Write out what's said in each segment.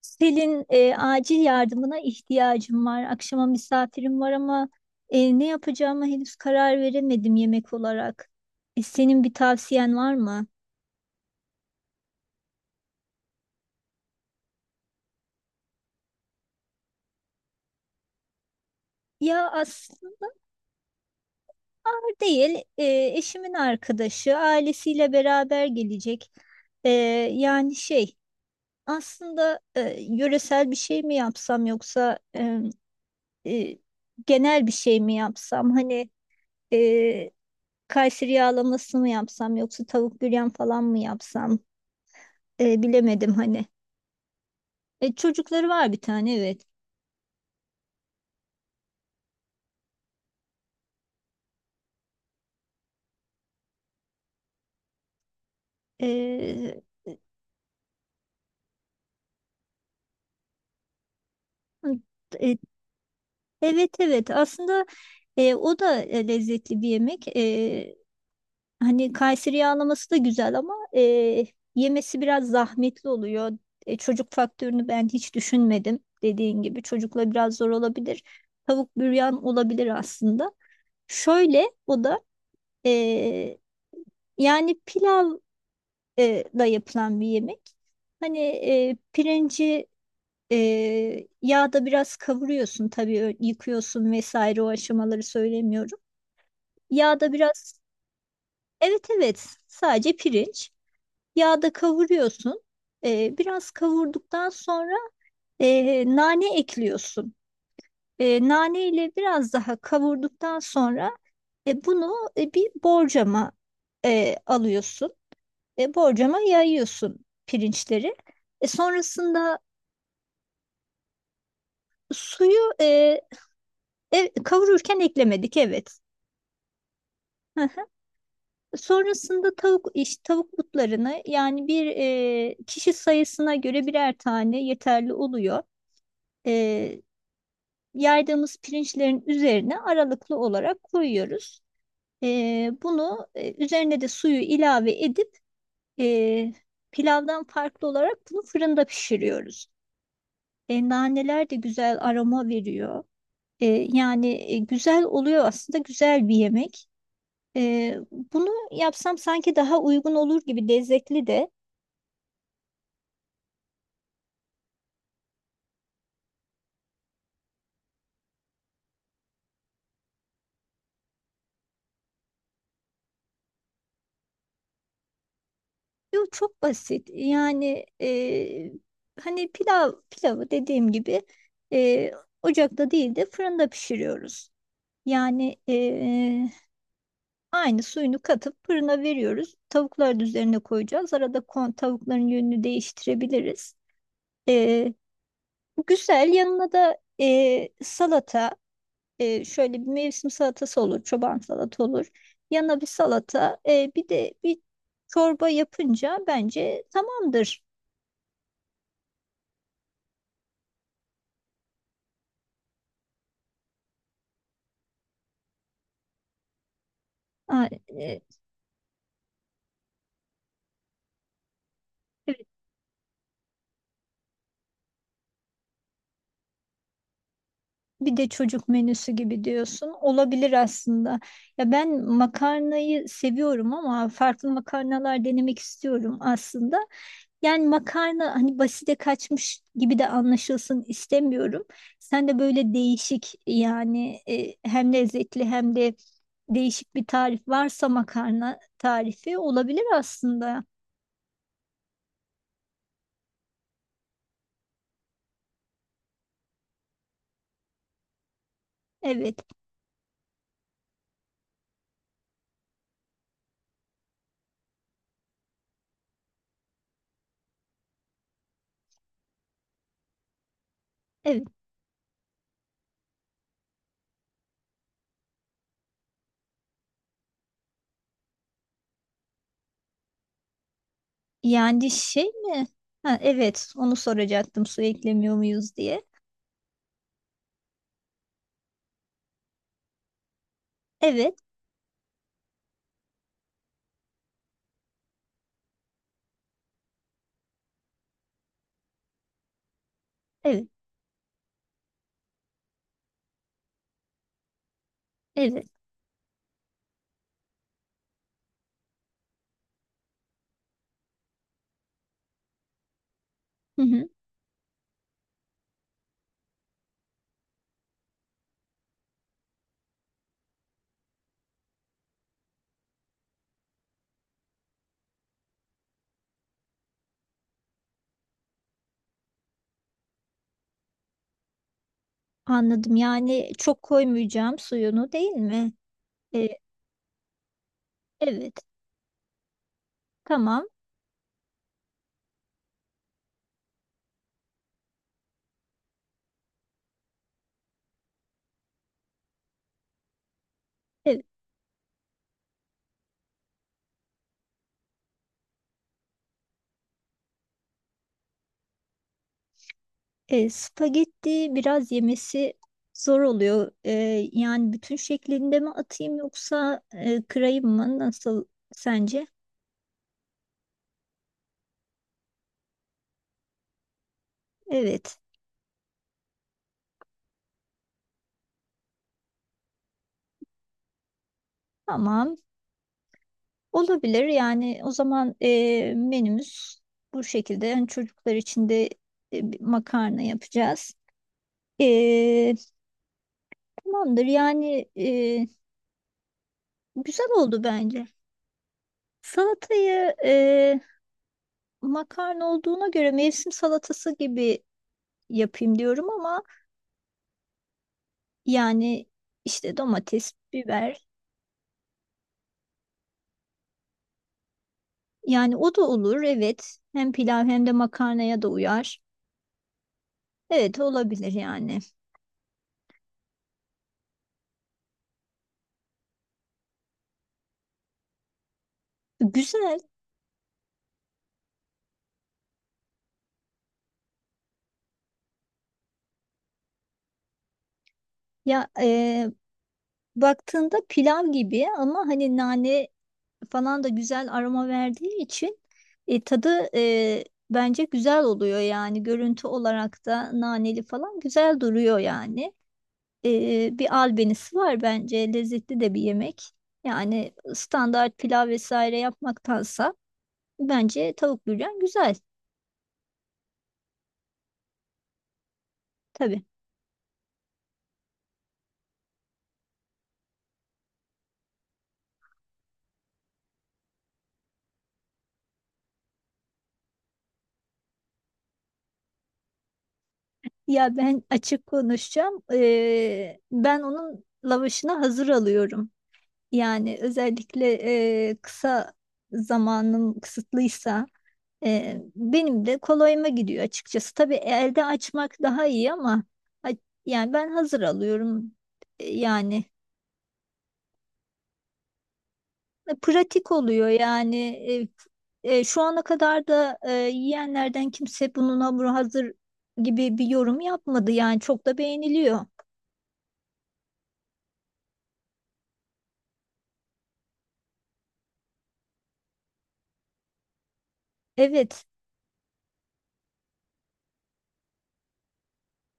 Selin, acil yardımına ihtiyacım var. Akşama misafirim var ama ne yapacağıma henüz karar veremedim yemek olarak. Senin bir tavsiyen var mı? Ya aslında değil. Eşimin arkadaşı ailesiyle beraber gelecek. E, yani şey aslında, yöresel bir şey mi yapsam yoksa e, genel bir şey mi yapsam? Hani e, Kayseri yağlaması mı yapsam yoksa tavuk büryan falan mı yapsam. Bilemedim hani. Çocukları var, bir tane, evet. E, e, evet, evet, aslında o da lezzetli bir yemek. Hani Kayseri yağlaması da güzel ama yemesi biraz zahmetli oluyor. Çocuk faktörünü ben hiç düşünmedim. Dediğin gibi çocukla biraz zor olabilir. Tavuk büryan olabilir aslında. Şöyle o da e, yani pilav da yapılan bir yemek. Hani pirinci yağda biraz kavuruyorsun tabii, yıkıyorsun vesaire, o aşamaları söylemiyorum. Yağda biraz, evet, evet, sadece pirinç. Yağda kavuruyorsun. Biraz kavurduktan sonra nane ekliyorsun. Nane ile biraz daha kavurduktan sonra bunu bir borcama alıyorsun. Borcama yayıyorsun pirinçleri. Sonrasında suyu kavururken eklemedik, evet. Hı hı. Sonrasında tavuk butlarını, yani bir kişi sayısına göre birer tane yeterli oluyor. E, yaydığımız pirinçlerin üzerine aralıklı olarak koyuyoruz. Bunu üzerine de suyu ilave edip e, pilavdan farklı olarak bunu fırında pişiriyoruz. Naneler de güzel aroma veriyor. E, yani güzel oluyor aslında, güzel bir yemek. Ee, bunu yapsam sanki daha uygun olur gibi, lezzetli de. Yok, çok basit. Yani hani pilav pilavı dediğim gibi e, ocakta değil de fırında pişiriyoruz. Yani aynı suyunu katıp fırına veriyoruz. Tavukların üzerine koyacağız. Arada tavukların yönünü değiştirebiliriz. E, Güzel. Yanına da salata. Şöyle bir mevsim salatası olur, çoban salata olur. Yanına bir salata, bir de bir çorba yapınca bence tamamdır. Ha, evet, bir de çocuk menüsü gibi diyorsun. Olabilir aslında. Ya ben makarnayı seviyorum ama farklı makarnalar denemek istiyorum aslında. Yani makarna hani basite kaçmış gibi de anlaşılsın istemiyorum. Sen de böyle değişik yani, hem lezzetli hem de değişik bir tarif varsa makarna tarifi olabilir aslında. Evet, evet. Yani şey mi? Ha, evet, onu soracaktım, su eklemiyor muyuz diye. Evet, evet, evet. Hı hı, anladım. Yani çok koymayacağım suyunu, değil mi? E, evet, tamam. Spagetti biraz yemesi zor oluyor. Yani bütün şeklinde mi atayım yoksa kırayım mı? Nasıl sence? Evet, tamam. Olabilir. Yani o zaman menümüz bu şekilde. Yani çocuklar için de bir makarna yapacağız. E, tamamdır. Yani güzel oldu bence. Salatayı, makarna olduğuna göre, mevsim salatası gibi yapayım diyorum ama. Yani işte domates, biber. Yani o da olur, evet. Hem pilav hem de makarnaya da uyar. Evet, olabilir yani. Güzel. Ya baktığında pilav gibi ama hani nane falan da güzel aroma verdiği için tadı bence güzel oluyor yani. Görüntü olarak da naneli falan güzel duruyor yani. Bir albenisi var bence. Lezzetli de bir yemek. Yani standart pilav vesaire yapmaktansa. Bence tavuk büryan güzel, tabii. Ya ben açık konuşacağım. Ben onun lavaşını hazır alıyorum. Yani özellikle kısa zamanım kısıtlıysa benim de kolayıma gidiyor açıkçası. Tabii, elde açmak daha iyi ama a- yani ben hazır alıyorum. Yani pratik oluyor yani. Şu ana kadar da yiyenlerden kimse bunun hamuru hazır gibi bir yorum yapmadı, yani çok da beğeniliyor. Evet,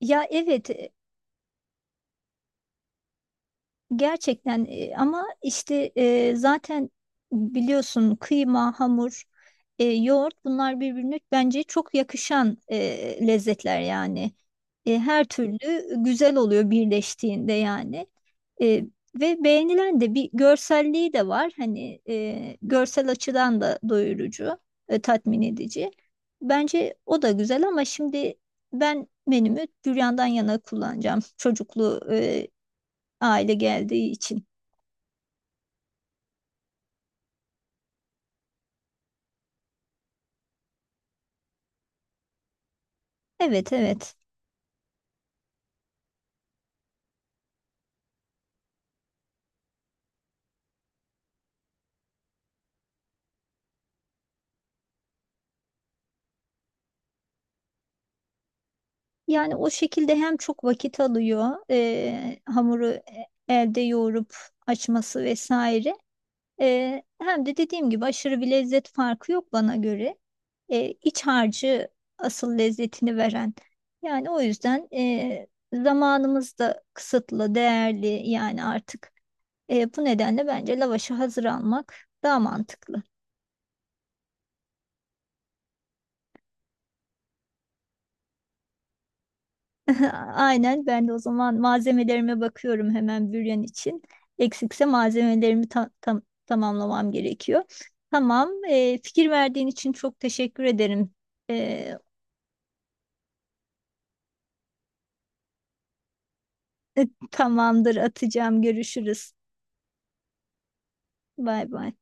ya, evet. Gerçekten ama işte zaten biliyorsun kıyma, hamur, yoğurt, bunlar birbirine bence çok yakışan lezzetler yani. Her türlü güzel oluyor birleştiğinde yani. E, ve beğenilen de bir görselliği de var. Hani görsel açıdan da doyurucu, tatmin edici. Bence o da güzel ama şimdi ben menümü büryandan yana kullanacağım. Çocuklu aile geldiği için. Evet, evet. Yani o şekilde hem çok vakit alıyor, hamuru elde yoğurup açması vesaire. Hem de dediğim gibi aşırı bir lezzet farkı yok bana göre. E, iç harcı asıl lezzetini veren. Yani o yüzden zamanımız da kısıtlı, değerli yani artık. Bu nedenle bence lavaşı hazır almak daha mantıklı. Aynen, ben de o zaman malzemelerime bakıyorum hemen büryan için. Eksikse malzemelerimi tamamlamam gerekiyor. Tamam, fikir verdiğin için çok teşekkür ederim. E, Tamamdır, atacağım. Görüşürüz. Bay bay.